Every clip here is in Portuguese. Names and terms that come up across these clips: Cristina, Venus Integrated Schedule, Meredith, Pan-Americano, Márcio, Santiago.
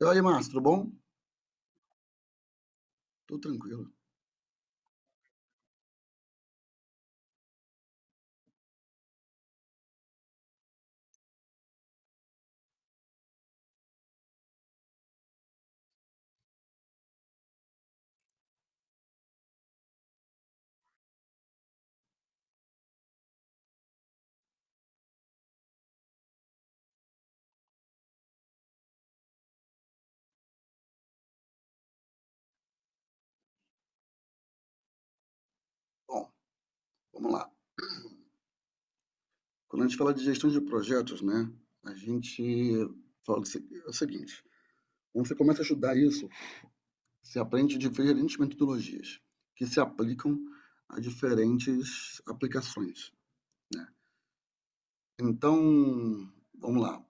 E aí, Márcio, tudo bom? Tudo tranquilo. Bom, vamos lá. Quando a gente fala de gestão de projetos, né, a gente fala do se- é o seguinte: quando você começa a estudar isso, você aprende diferentes metodologias que se aplicam a diferentes aplicações. Então, vamos lá.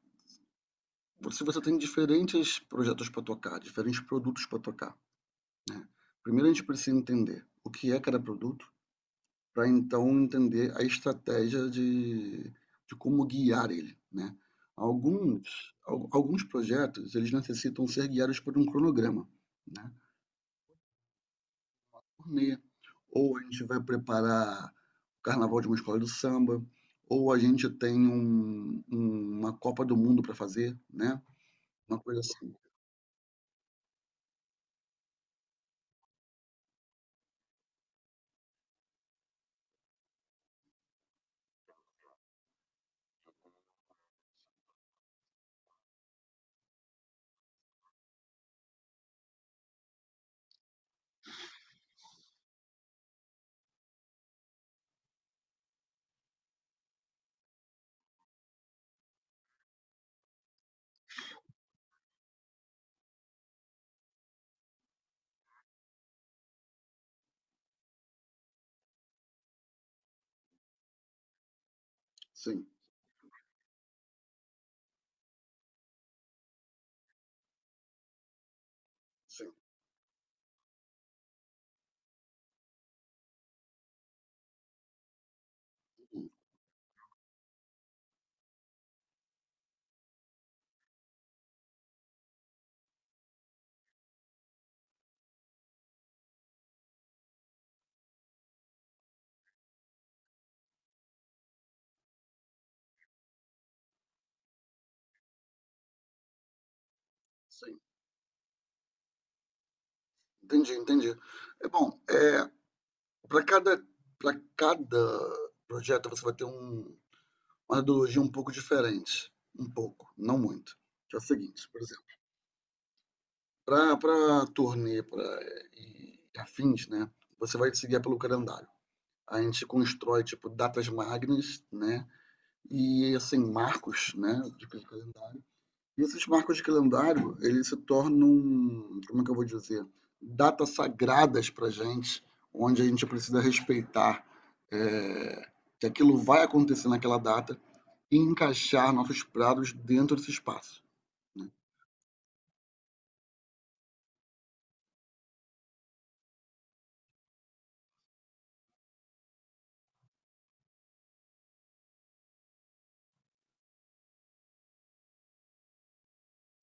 Se você tem diferentes projetos para tocar, diferentes produtos para tocar, né? Primeiro a gente precisa entender o que é cada produto, para então entender a estratégia de como guiar ele, né? Alguns projetos, eles necessitam ser guiados por um cronograma, né? Turnê, ou a gente vai preparar o carnaval de uma escola do samba, ou a gente tem uma Copa do Mundo para fazer, né? Uma coisa assim. Sim, sim, sim. Entendi, entendi. É bom, é, para cada, para cada projeto você vai ter um, uma metodologia um pouco diferente. Um pouco, não muito. Que é o seguinte, por exemplo, para turnê pra, e afins, né? Você vai se guiar pelo calendário. A gente constrói, tipo, datas magnas, né? E, assim, marcos, né? De calendário. E esses marcos de calendário, eles se tornam, um, como é que eu vou dizer? Datas sagradas pra gente, onde a gente precisa respeitar é, que aquilo vai acontecer naquela data e encaixar nossos pratos dentro desse espaço, né?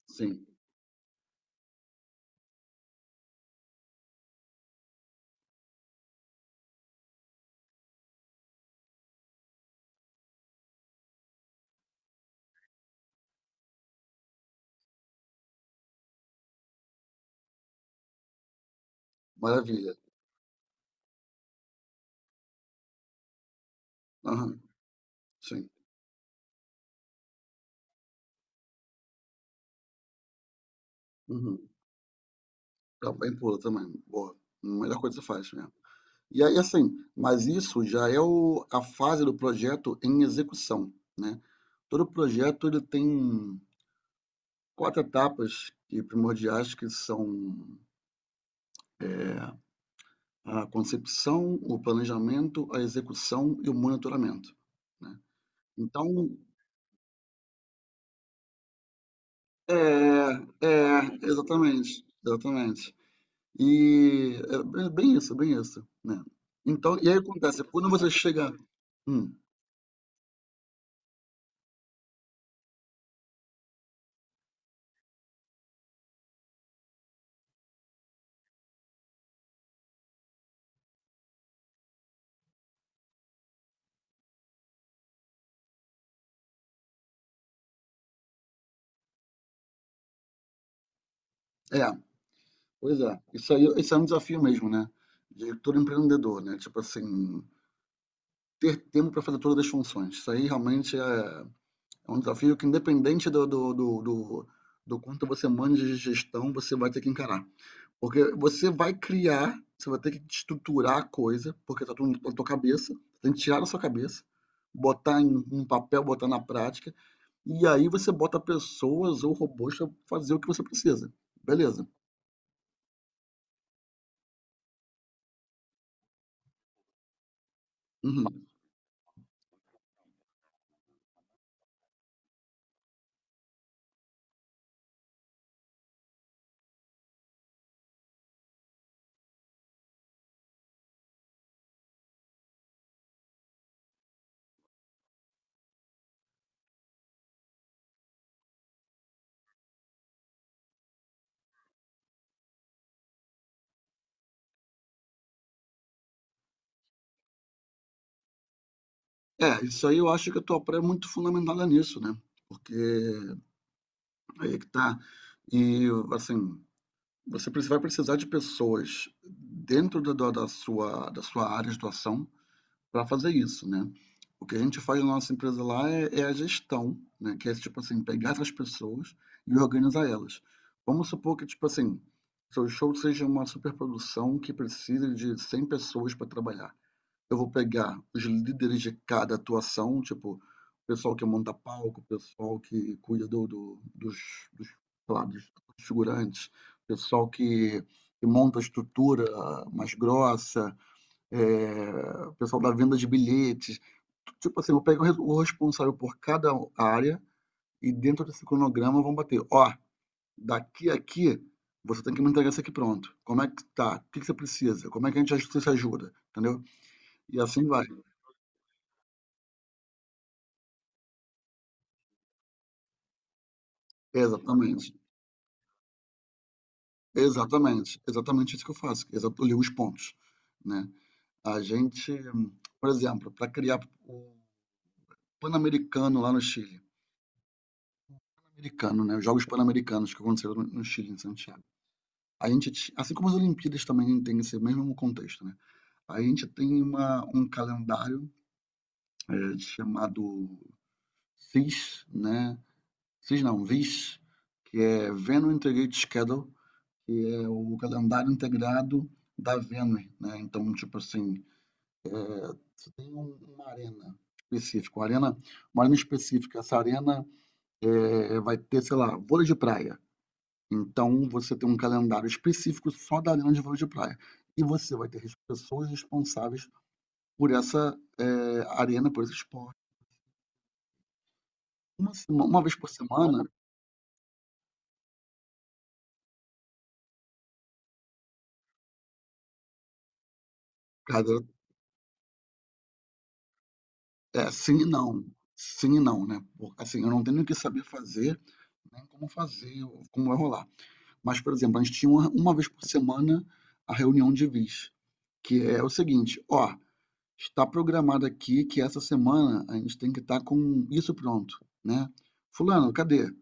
Sim, maravilha. Aham, sim. Uhum. Tá bem, pula também. Boa. Melhor coisa que você faz mesmo. E aí, assim, mas isso já é a fase do projeto em execução, né? Todo projeto ele tem quatro etapas primordiais que são a concepção, o planejamento, a execução e o monitoramento, né? Então, é, é, exatamente, exatamente. E é bem isso, né? Então, e aí acontece, é quando você chega. Hum, é, pois é. Isso aí, isso é um desafio mesmo, né? De todo empreendedor, né? Tipo assim, ter tempo para fazer todas as funções. Isso aí realmente é é um desafio que, independente do quanto você manja de gestão, você vai ter que encarar. Porque você vai criar, você vai ter que estruturar a coisa, porque tá tudo na tua cabeça, tem que tirar da sua cabeça, botar em um papel, botar na prática. E aí você bota pessoas ou robôs para fazer o que você precisa. Beleza. Uhum. É, isso aí eu acho que a tua pré é muito fundamentada nisso, né? Porque aí é que tá. E assim, vai precisar de pessoas dentro da sua área de atuação para fazer isso, né? O que a gente faz na nossa empresa lá é, é a gestão, né? Que é tipo assim, pegar essas pessoas e organizar elas. Vamos supor que, tipo assim, seu show seja uma superprodução que precisa de 100 pessoas para trabalhar. Eu vou pegar os líderes de cada atuação, tipo, o pessoal que monta palco, o pessoal que cuida sei lá, dos figurantes, o pessoal que, que monta a estrutura mais grossa, é, o pessoal da venda de bilhetes. Tipo assim, eu pego o responsável por cada área e dentro desse cronograma vão bater. Ó, daqui a aqui, você tem que me entregar isso aqui pronto. Como é que tá? O que que você precisa? Como é que você se ajuda? Entendeu? E assim vai. Exatamente. Exatamente. Exatamente isso que eu faço. Eu ligo os pontos, né? A gente, por exemplo, para criar o Pan-Americano lá no Chile. Pan-Americano, né? Os Jogos Pan-Americanos que aconteceram no Chile, em Santiago. A gente ti assim como as Olimpíadas também tem esse mesmo contexto, né. A gente tem uma um calendário, chamado VIS, né, VIS não, VIS, que é Venus Integrated Schedule, que é o calendário integrado da Venus, né. Então, tipo assim, você tem uma arena específica, uma arena específica, essa arena, vai ter, sei lá, vôlei de praia. Então, você tem um calendário específico só da arena de vôlei de praia. E você vai ter as pessoas responsáveis por essa, arena, por esse esporte. Uma vez por semana, cada é, sim e não. Sim e não, né. Por assim, eu não tenho nem o que saber fazer, nem como fazer, ou como vai rolar. Mas, por exemplo, a gente tinha uma vez por semana a reunião de vice, que é o seguinte: "Ó, está programado aqui que essa semana a gente tem que estar com isso pronto, né? Fulano, cadê?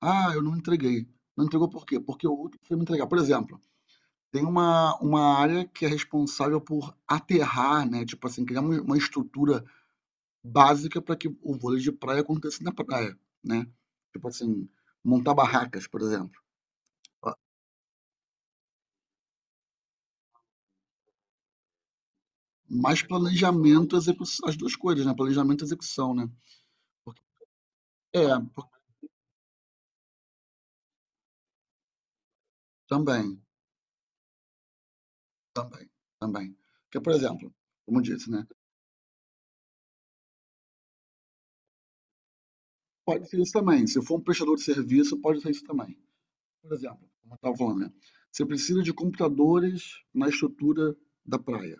Ah, eu não entreguei. Não entregou por quê? Porque o outro foi me entregar. Por exemplo, tem uma área que é responsável por aterrar, né? Tipo assim, criar uma estrutura básica para que o vôlei de praia aconteça na praia, né? Tipo assim, montar barracas, por exemplo. Mas planejamento, execução, as duas coisas, né? Planejamento e execução, né? Porque- é, por- também. Também, também. Porque, por exemplo, como eu disse, né, pode ser isso também, se for um prestador de serviço, pode ser isso também. Por exemplo, como eu estava falando, né, você precisa de computadores na estrutura da praia.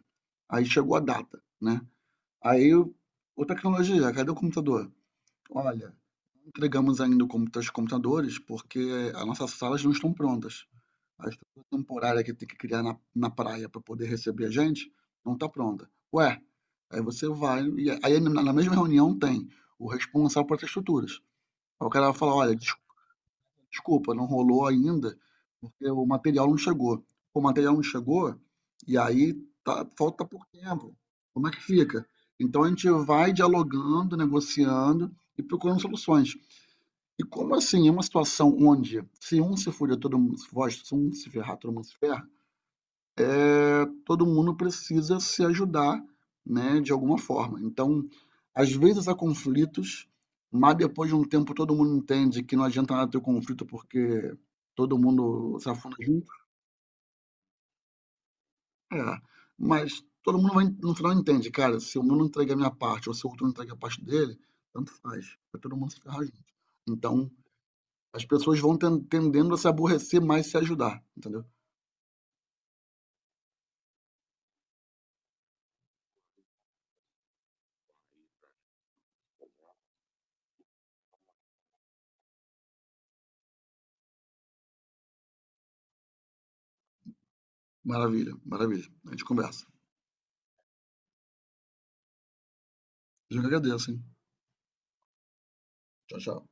Aí chegou a data, né? Aí, ô tecnologia, cadê o computador? Olha, entregamos ainda os computadores porque as nossas salas não estão prontas. A estrutura temporária que tem que criar na praia para poder receber a gente não está pronta. Ué, aí você vai, e aí na mesma reunião tem o responsável por essas estruturas. Aí o cara vai falar: olha, desculpa, não rolou ainda porque o material não chegou. O material não chegou e aí tá, falta pouco tempo. Como é que fica? Então a gente vai dialogando, negociando e procurando soluções. E como assim, é uma situação onde se um se fuder, todo mundo se fode, se um se ferrar, todo mundo se ferra, eh, todo mundo precisa se ajudar, né, de alguma forma. Então, às vezes há conflitos, mas depois de um tempo todo mundo entende que não adianta nada ter o conflito porque todo mundo se afunda junto. É, mas todo mundo vai, no final entende, cara, se eu não entregar a minha parte ou se o outro não entrega a parte dele, tanto faz, vai todo mundo se ferrar junto. Então, as pessoas vão tendendo a se aborrecer mais e se ajudar, entendeu? Maravilha, maravilha. A gente conversa. Eu que agradeço, hein? Tchau, tchau.